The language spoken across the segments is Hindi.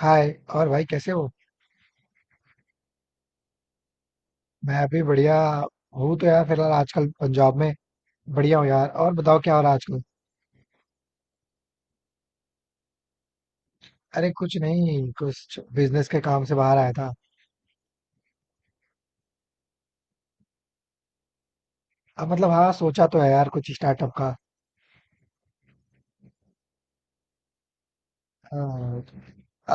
हाय। और भाई कैसे हो? मैं अभी बढ़िया हूँ। तो यार फिलहाल आजकल पंजाब में। बढ़िया हूँ यार। और बताओ क्या हो रहा है आजकल? अरे कुछ नहीं, कुछ बिजनेस के काम से बाहर आया था। अब मतलब हाँ, सोचा तो है यार कुछ स्टार्टअप का। हाँ,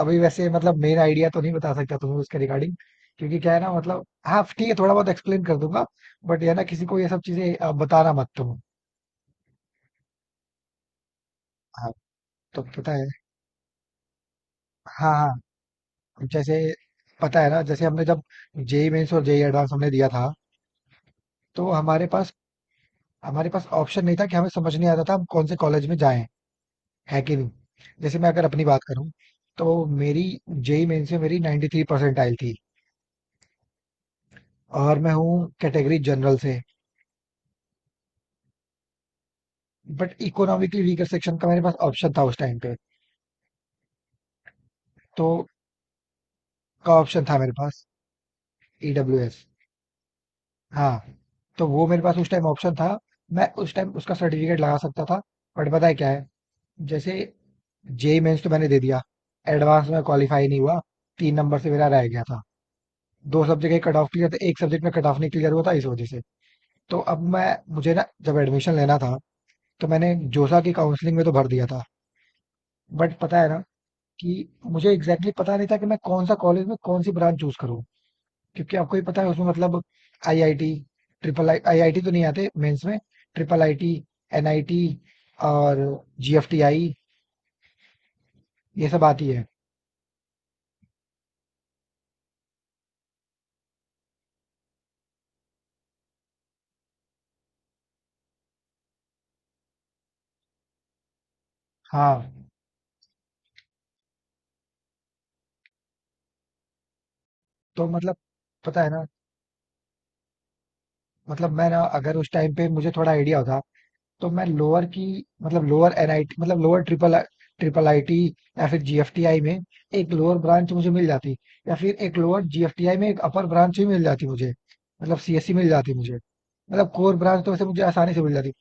अभी वैसे मतलब मेन आइडिया तो नहीं बता सकता तुम्हें उसके रिगार्डिंग। क्योंकि क्या है ना, मतलब हाँ ठीक है, थोड़ा बहुत एक्सप्लेन कर दूंगा। बट ये ना किसी को ये सब चीजें बताना मत तुम। हाँ। तो पता है। हाँ हाँ। जैसे पता है ना, जैसे हमने जब जेई मेंस और जेई एडवांस हमने दिया था, तो हमारे पास ऑप्शन नहीं था कि हमें समझ नहीं आता था हम कौन से कॉलेज में जाएं, है कि नहीं। जैसे मैं अगर अपनी बात करूं, तो मेरी जेई मेन से मेरी 93 परसेंटाइल थी। और मैं हूँ कैटेगरी जनरल से। बट इकोनॉमिकली वीकर सेक्शन का मेरे पास ऑप्शन था उस टाइम पे। तो का ऑप्शन था मेरे पास। EW S. हाँ, तो वो मेरे पास उस टाइम ऑप्शन था। मैं उस टाइम उसका सर्टिफिकेट लगा सकता था। बट पता है क्या है, जैसे जेई मेन्स तो मैंने दे दिया, एडवांस में क्वालिफाई नहीं हुआ। 3 नंबर से मेरा रह गया था। दो सब्जेक्ट एक कट ऑफ क्लियर थे, एक सब्जेक्ट में कट ऑफ नहीं क्लियर हुआ था इस वजह से। तो अब मैं मुझे ना जब एडमिशन लेना था, तो मैंने जोसा की काउंसलिंग में तो भर दिया था। बट पता है ना कि मुझे एग्जैक्टली पता नहीं था कि मैं कौन सा कॉलेज में कौन सी ब्रांच चूज करूँ। क्योंकि आपको ही पता है उसमें मतलब आईआईटी, ट्रिपल आई आईआईटी तो नहीं आते मेंस में। ट्रिपल आईटी, एनआईटी और जीएफटीआई, ये सब आती है। हाँ। तो मतलब पता है ना, मतलब मैं ना अगर उस टाइम पे मुझे थोड़ा आइडिया होता, तो मैं लोअर की मतलब लोअर एनआईटी मतलब लोअर ट्रिपल ट्रिपल आईटी या फिर जीएफटीआई में एक लोअर ब्रांच मुझे मिल जाती, या फिर एक लोअर जीएफटीआई में एक अपर ब्रांच भी मिल जाती मुझे, मतलब सीएससी मिल जाती मुझे। मतलब कोर ब्रांच तो वैसे मुझे आसानी से मिल जाती,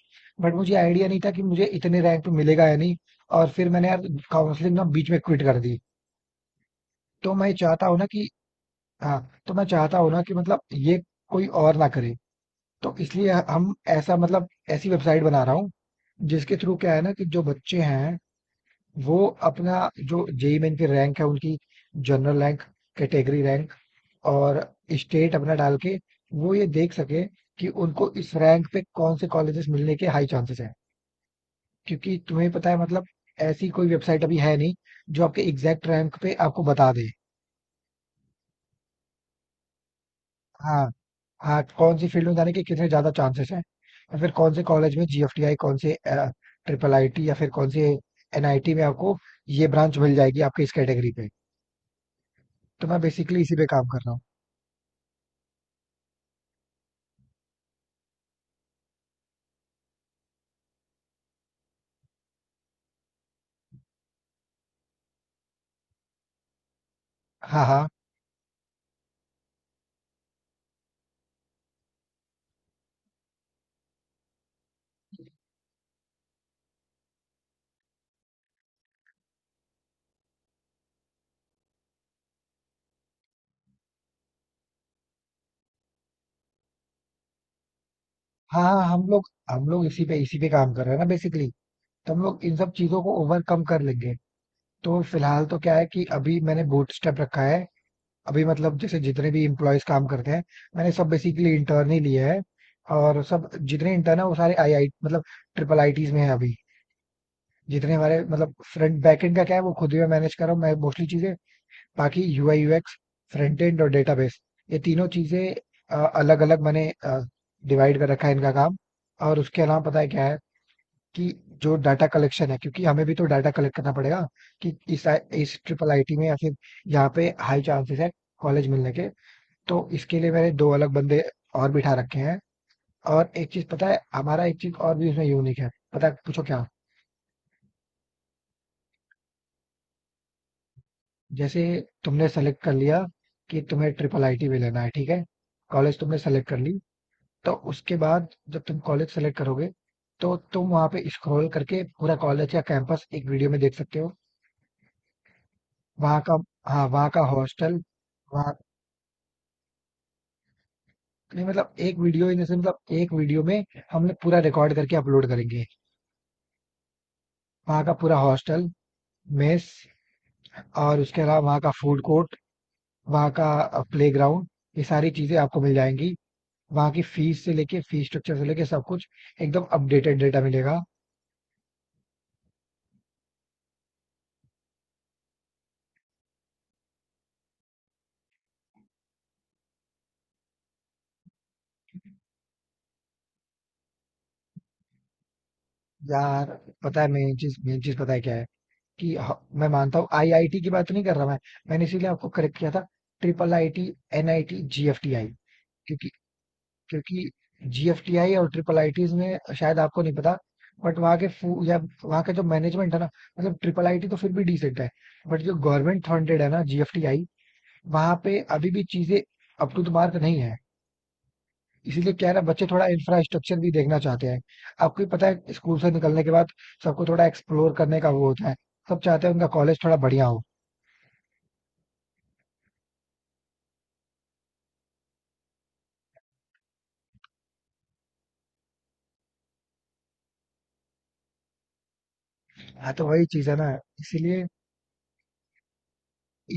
बट मुझे आइडिया नहीं था कि मुझे इतने रैंक पे मिलेगा या नहीं। और फिर मैंने यार काउंसलिंग ना बीच में क्विट कर दी। तो मैं चाहता हूँ ना कि हाँ, तो मैं चाहता हूँ ना कि मतलब ये कोई और ना करे। तो इसलिए हम ऐसा मतलब ऐसी वेबसाइट बना रहा हूँ, जिसके थ्रू क्या है ना कि जो बच्चे हैं, वो अपना जो जेई मेन की रैंक है उनकी, जनरल रैंक, कैटेगरी रैंक और स्टेट अपना डाल के, वो ये देख सके कि उनको इस रैंक पे कौन से कॉलेजेस मिलने के हाई चांसेस हैं। क्योंकि तुम्हें पता है मतलब ऐसी कोई वेबसाइट अभी है नहीं जो आपके एग्जैक्ट रैंक पे आपको बता दे। हाँ। हाँ, कौन सी फील्ड में जाने के कितने ज्यादा चांसेस हैं, या फिर कौन से कॉलेज में, जीएफटीआई कौन से, ट्रिपल आईटी, या फिर कौन से एनआईटी में आपको ये ब्रांच मिल जाएगी आपके इस कैटेगरी पे। तो मैं बेसिकली इसी पे काम कर रहा हूँ। हाँ हाँ हाँ हाँ, हम लोग इसी पे काम कर रहे हैं ना बेसिकली। तो हम लोग इन सब चीजों को ओवरकम कर लेंगे। तो फिलहाल तो क्या है कि अभी मैंने बूटस्ट्रैप रखा है। अभी मतलब जैसे जितने भी इम्प्लॉयज काम करते हैं, मैंने सब बेसिकली इंटर्न ही लिए हैं। और सब जितने इंटर्न है वो सारे आई आई मतलब ट्रिपल आईटीज में है अभी। जितने हमारे मतलब फ्रंट बैक एंड का क्या है, वो खुद ही मैं मैनेज कर रहा हूँ, मैं मोस्टली चीजें। बाकी यूआई यूएक्स, फ्रंट एंड और डेटाबेस, ये तीनों चीजें अलग अलग मैंने डिवाइड कर रखा है इनका काम। और उसके अलावा पता है क्या है, कि जो डाटा कलेक्शन है, क्योंकि हमें भी तो डाटा कलेक्ट करना पड़ेगा कि इस ट्रिपल आईटी में या फिर यहाँ पे हाई चांसेस है कॉलेज मिलने के। तो इसके लिए मैंने दो अलग बंदे और बिठा रखे हैं। और एक चीज पता है, हमारा एक चीज और भी उसमें यूनिक है, पता है? पूछो क्या। जैसे तुमने सेलेक्ट कर लिया कि तुम्हें ट्रिपल आईटी में लेना है, ठीक है। कॉलेज तुमने सेलेक्ट कर ली। तो उसके बाद, जब तुम कॉलेज सेलेक्ट करोगे, तो तुम वहां पे स्क्रॉल करके पूरा कॉलेज का कैंपस एक वीडियो में देख सकते हो। वहां का। हाँ, वहां का हॉस्टल, वहाँ। नहीं मतलब एक वीडियो इन मतलब एक वीडियो में हम लोग पूरा रिकॉर्ड करके अपलोड करेंगे। वहाँ का पूरा हॉस्टल, मेस, और उसके अलावा वहाँ का फूड कोर्ट, वहाँ का प्ले ग्राउंड, ये सारी चीजें आपको मिल जाएंगी। वहाँ की फीस से लेके, फीस स्ट्रक्चर से लेके सब कुछ एकदम अपडेटेड डेटा मिलेगा। यार पता है, मेन चीज, मेन चीज पता है क्या है, कि मैं मानता हूँ आईआईटी की बात तो नहीं कर रहा मैं। मैंने इसीलिए आपको करेक्ट किया था, ट्रिपल आईटी, एनआईटी, जीएफटीआई। क्योंकि क्योंकि जीएफटीआई और ट्रिपल आईटीज में शायद आपको नहीं पता, बट वहाँ के फू या वहाँ का जो मैनेजमेंट है ना, मतलब ट्रिपल आईटी तो फिर भी डिसेंट है, बट जो गवर्नमेंट फंडेड है ना जीएफटीआई, वहाँ पे अभी भी चीजें अप टू द मार्क नहीं है। इसीलिए क्या है ना, बच्चे थोड़ा इंफ्रास्ट्रक्चर भी देखना चाहते हैं। आपको भी पता है, स्कूल से निकलने के बाद सबको थोड़ा एक्सप्लोर करने का वो होता है। सब चाहते हैं उनका कॉलेज थोड़ा बढ़िया हो। हाँ तो वही चीज है ना, इसीलिए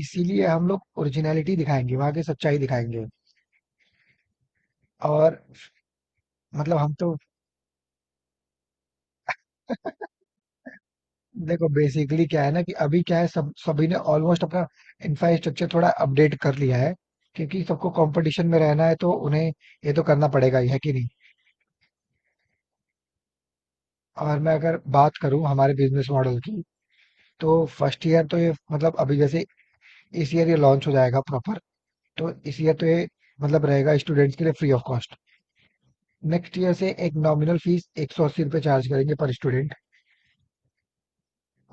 इसीलिए हम लोग ओरिजिनलिटी दिखाएंगे, वहां की सच्चाई दिखाएंगे। और मतलब हम तो देखो बेसिकली क्या है ना, कि अभी क्या है, सब सभी ने ऑलमोस्ट अपना इंफ्रास्ट्रक्चर थोड़ा अपडेट कर लिया है। क्योंकि सबको कंपटीशन में रहना है, तो उन्हें ये तो करना पड़ेगा ही, है कि नहीं। और मैं अगर बात करूं हमारे बिजनेस मॉडल की, तो फर्स्ट ईयर तो ये, मतलब अभी जैसे इस ईयर ये लॉन्च हो जाएगा प्रॉपर, तो इस ईयर तो ये मतलब रहेगा स्टूडेंट्स के लिए free of cost. Next year से एक नॉमिनल फीस, 180 रुपये चार्ज करेंगे पर स्टूडेंट,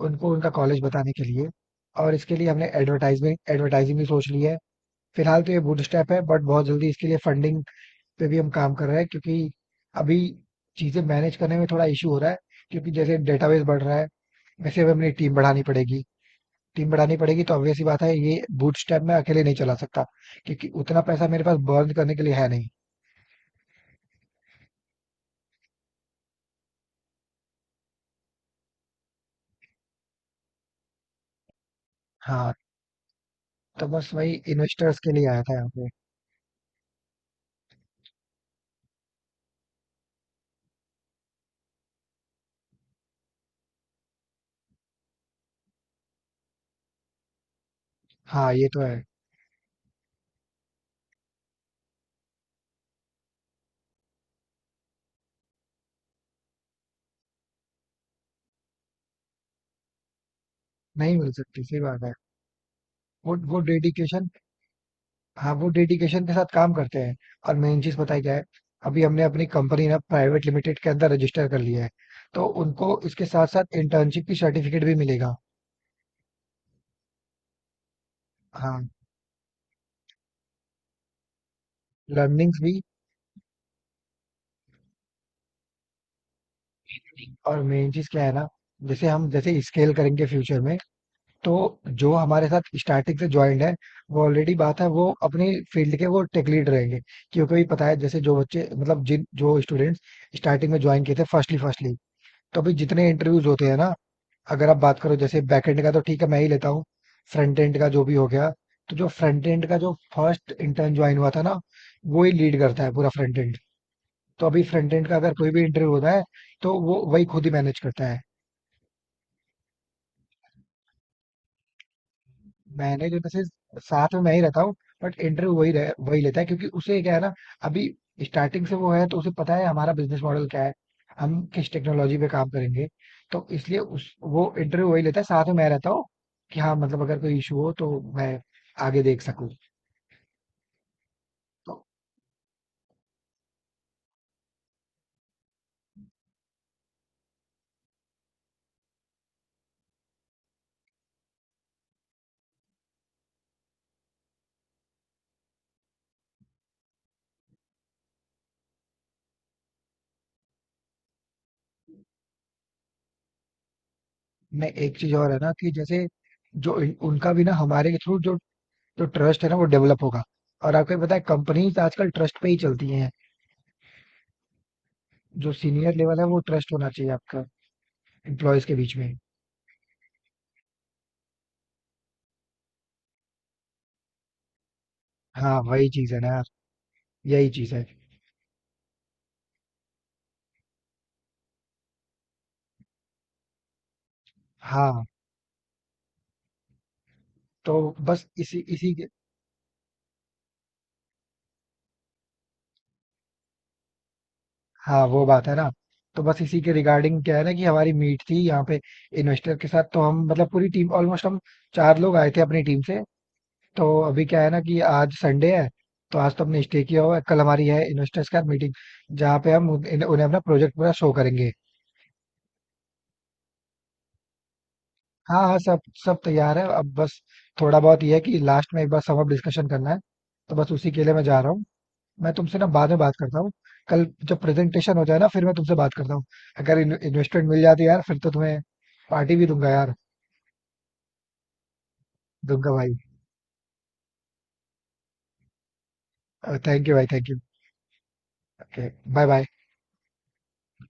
उनको उनका कॉलेज बताने के लिए। और इसके लिए हमने एडवर्टाइजमेंट एडवर्टाइजिंग भी सोच ली है। फिलहाल तो ये बूट स्टेप है, बट बहुत जल्दी इसके लिए फंडिंग पे भी हम काम कर रहे हैं, क्योंकि अभी चीजें मैनेज करने में थोड़ा इशू हो रहा है, क्योंकि जैसे डेटाबेस बढ़ रहा है, वैसे भी अपनी टीम बढ़ानी पड़ेगी। टीम बढ़ानी पड़ेगी तो ऑब्वियस सी बात है, ये बूटस्ट्रैप मैं अकेले नहीं चला सकता, क्योंकि उतना पैसा मेरे पास बर्न करने के लिए है नहीं। हाँ, तो बस वही इन्वेस्टर्स के लिए आया था यहाँ पे। हाँ ये तो है। नहीं मिल सकती, सही बात है। वो डेडिकेशन। हाँ, वो डेडिकेशन के साथ काम करते हैं। और मेन चीज पता है क्या है, अभी हमने अपनी कंपनी ना प्राइवेट लिमिटेड के अंदर रजिस्टर कर लिया है। तो उनको इसके साथ साथ इंटर्नशिप की सर्टिफिकेट भी मिलेगा। हाँ। लर्निंग्स भी। और मेन चीज क्या है ना, जैसे स्केल करेंगे फ्यूचर में, तो जो हमारे साथ स्टार्टिंग से ज्वाइंड है, वो ऑलरेडी बात है, वो अपनी फील्ड के वो टेक लीड रहेंगे। क्योंकि अभी पता है, जैसे जो बच्चे मतलब जिन जो स्टूडेंट्स स्टार्टिंग में ज्वाइन किए थे फर्स्टली फर्स्टली, तो अभी जितने इंटरव्यूज होते हैं ना, अगर आप बात करो जैसे बैकएंड का, तो ठीक है मैं ही लेता हूँ। फ्रंट एंड का जो भी हो गया, तो जो फ्रंट एंड का जो फर्स्ट इंटर्न ज्वाइन हुआ था ना, वो ही लीड करता है पूरा फ्रंट एंड। तो अभी फ्रंट एंड का अगर कोई भी इंटरव्यू होता है, तो वो वही खुद ही मैनेज करता है। मैनेज इन द सेंस, साथ में मैं ही रहता हूँ, बट इंटरव्यू वही वही लेता है, क्योंकि उसे क्या है ना, अभी स्टार्टिंग से वो है तो उसे पता है हमारा बिजनेस मॉडल क्या है, हम किस टेक्नोलॉजी पे काम करेंगे। तो इसलिए उस वो इंटरव्यू वही लेता है, साथ में मैं रहता हूँ, कि हाँ मतलब अगर कोई इशू हो तो मैं आगे देख सकूँ। तो मैं एक चीज और है ना कि जैसे जो उनका भी ना हमारे के थ्रू जो, जो ट्रस्ट है ना वो डेवलप होगा। और आपको ये पता है कंपनीज आजकल ट्रस्ट पे ही चलती हैं। जो सीनियर लेवल है वो ट्रस्ट होना चाहिए आपका, एम्प्लॉयज के बीच में। हाँ, वही चीज़ है ना यार, यही चीज़ है। हाँ, तो बस इसी इसी के। हाँ, वो बात है ना। तो बस इसी के रिगार्डिंग क्या है ना कि हमारी मीट थी यहाँ पे, इन्वेस्टर के साथ। तो हम मतलब पूरी टीम ऑलमोस्ट, हम चार लोग आए थे अपनी टीम से। तो अभी क्या है ना कि आज संडे है, तो आज तो हमने स्टे किया हुआ है। कल हमारी है इन्वेस्टर्स के साथ मीटिंग, जहाँ पे हम उन्हें अपना प्रोजेक्ट पूरा शो करेंगे। हाँ, हाँ, सब सब तैयार है। अब बस थोड़ा बहुत ये है कि लास्ट में एक बार समअप डिस्कशन करना है। तो बस उसी के लिए मैं जा रहा हूँ। मैं तुमसे ना बाद में बात करता हूँ, कल जब प्रेजेंटेशन हो जाए ना फिर मैं तुमसे बात करता हूँ। अगर इन्वेस्टमेंट मिल जाती है यार, फिर तो तुम्हें पार्टी भी दूंगा यार। दूंगा भाई। थैंक यू भाई, thank you. Okay. Bye bye.